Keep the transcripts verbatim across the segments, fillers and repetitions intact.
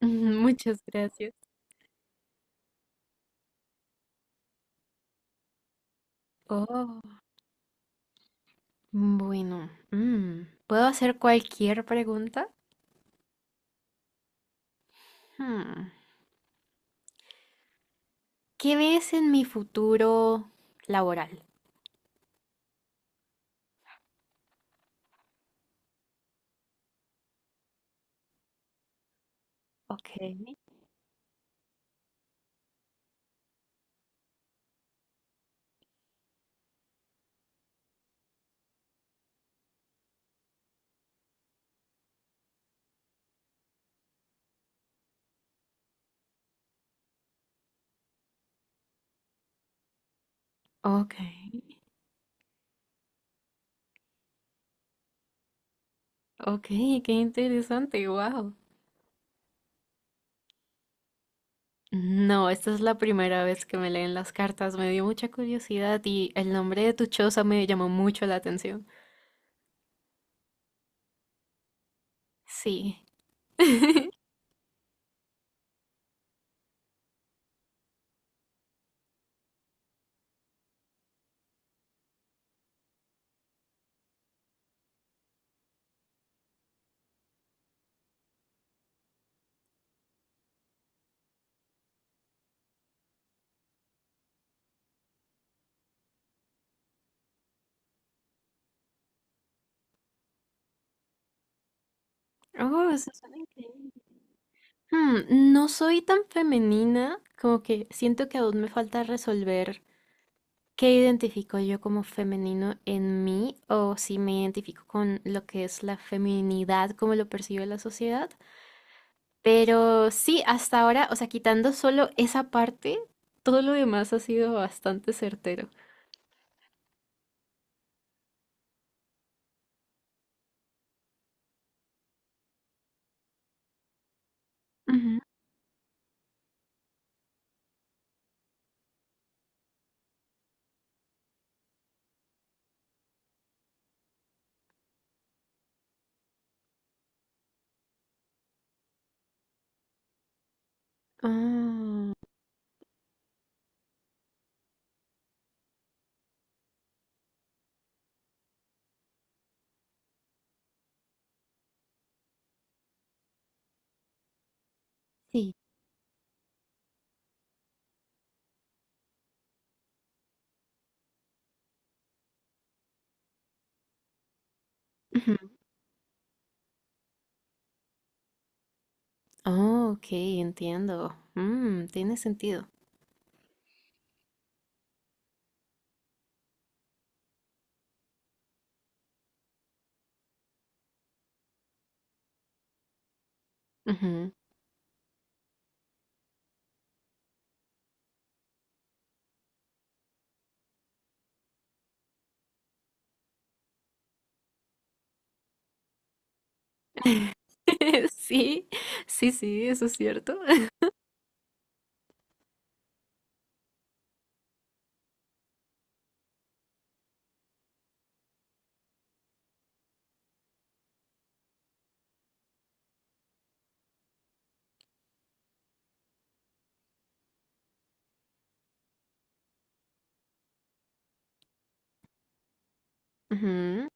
Muchas gracias. Oh, bueno. mm, ¿Puedo hacer cualquier pregunta? Hmm, ¿Qué ves en mi futuro laboral? Ok, ok, ok, qué interesante, wow. No, esta es la primera vez que me leen las cartas. Me dio mucha curiosidad y el nombre de tu choza me llamó mucho la atención. Sí. Oh, eso suena increíble. Hmm, no soy tan femenina, como que siento que aún me falta resolver ¿qué identifico yo como femenino en mí o si me identifico con lo que es la feminidad, como lo percibe la sociedad? Pero sí, hasta ahora, o sea, quitando solo esa parte, todo lo demás ha sido bastante certero. Ujú. Ah, sí. Ujú. Oh, ok, entiendo. Mm, tiene sentido. Ujú. Sí, sí, sí, eso es cierto. Ujú.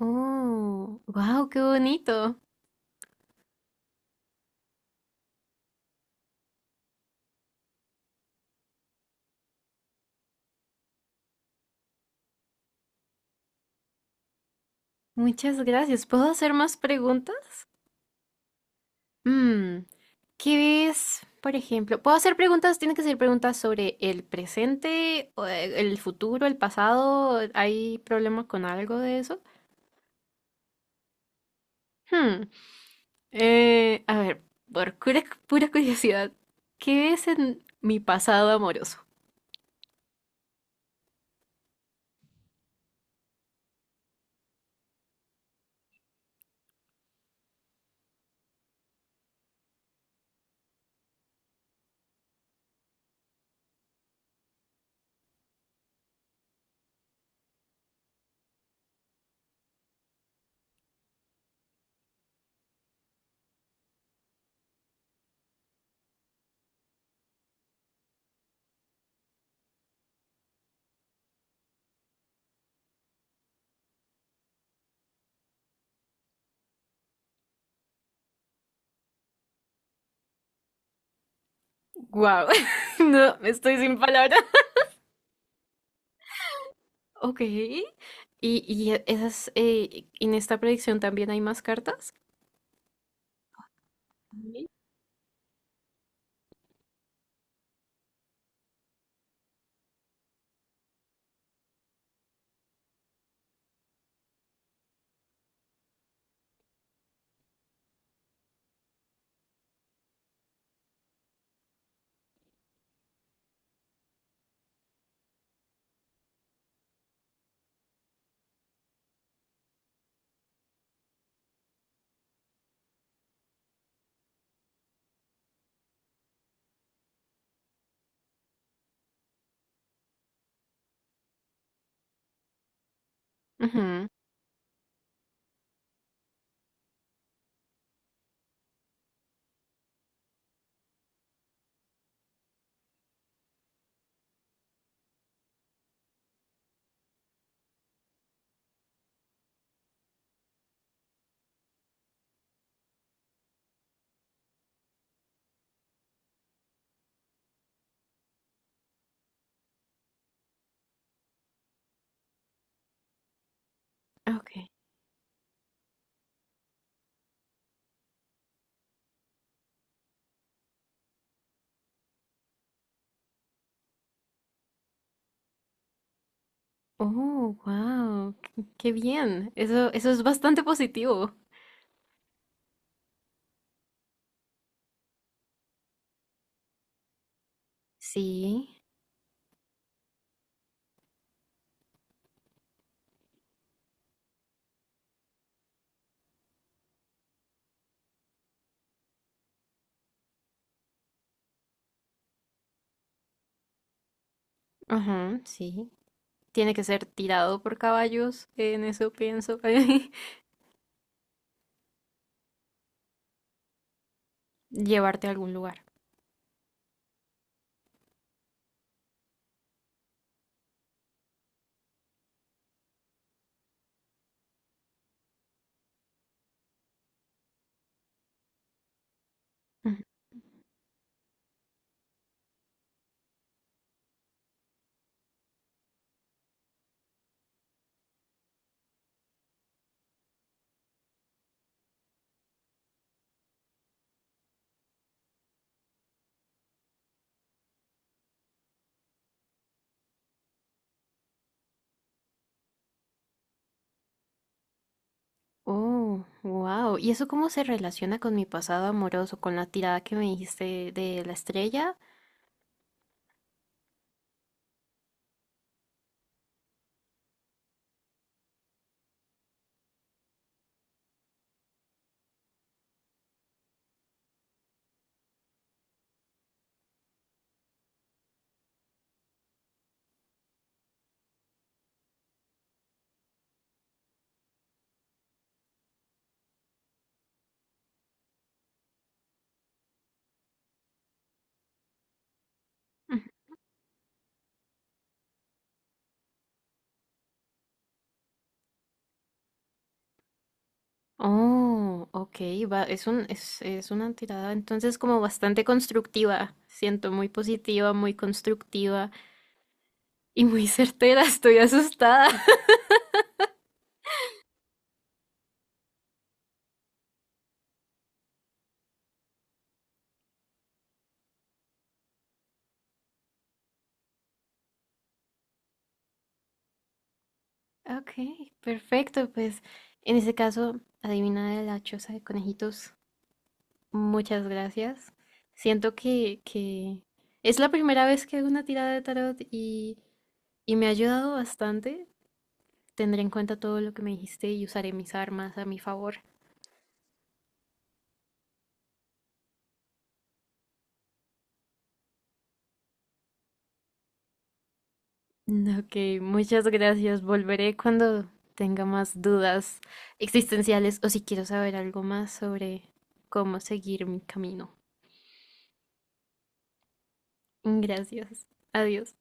Oh, wow, qué bonito. Muchas gracias. ¿Puedo hacer más preguntas? Mm, ¿qué es, por ejemplo? ¿Puedo hacer preguntas? ¿Tienen que ser preguntas sobre el presente, o, eh, el futuro, el pasado? ¿Hay problema con algo de eso? Hmm, eh, a ver, por pura, pura curiosidad, ¿qué es en mi pasado amoroso? Wow, no, estoy sin palabras. Ok. ¿Y, y esas, eh, en esta predicción también hay más cartas? Sí. Ujú. Ok. Oh, wow, qué bien. Eso, eso es bastante positivo. Sí, ajá, sí. Tiene que ser tirado por caballos, en eso pienso. Llevarte a algún lugar. Ujú. Oh, wow. ¿Y eso cómo se relaciona con mi pasado amoroso, con la tirada que me dijiste de la estrella? Ujú. Oh, ok, va, es un, es, es una tirada entonces como bastante constructiva. Siento muy positiva, muy constructiva y muy certera. Estoy asustada. Ok, perfecto. Pues en ese caso, adivina de la choza de conejitos. Muchas gracias. Siento que, que es la primera vez que hago una tirada de tarot y, y me ha ayudado bastante. Tendré en cuenta todo lo que me dijiste y usaré mis armas a mi favor. Ok, muchas gracias. Volveré cuando tenga más dudas existenciales o si quiero saber algo más sobre cómo seguir mi camino. Gracias. Adiós.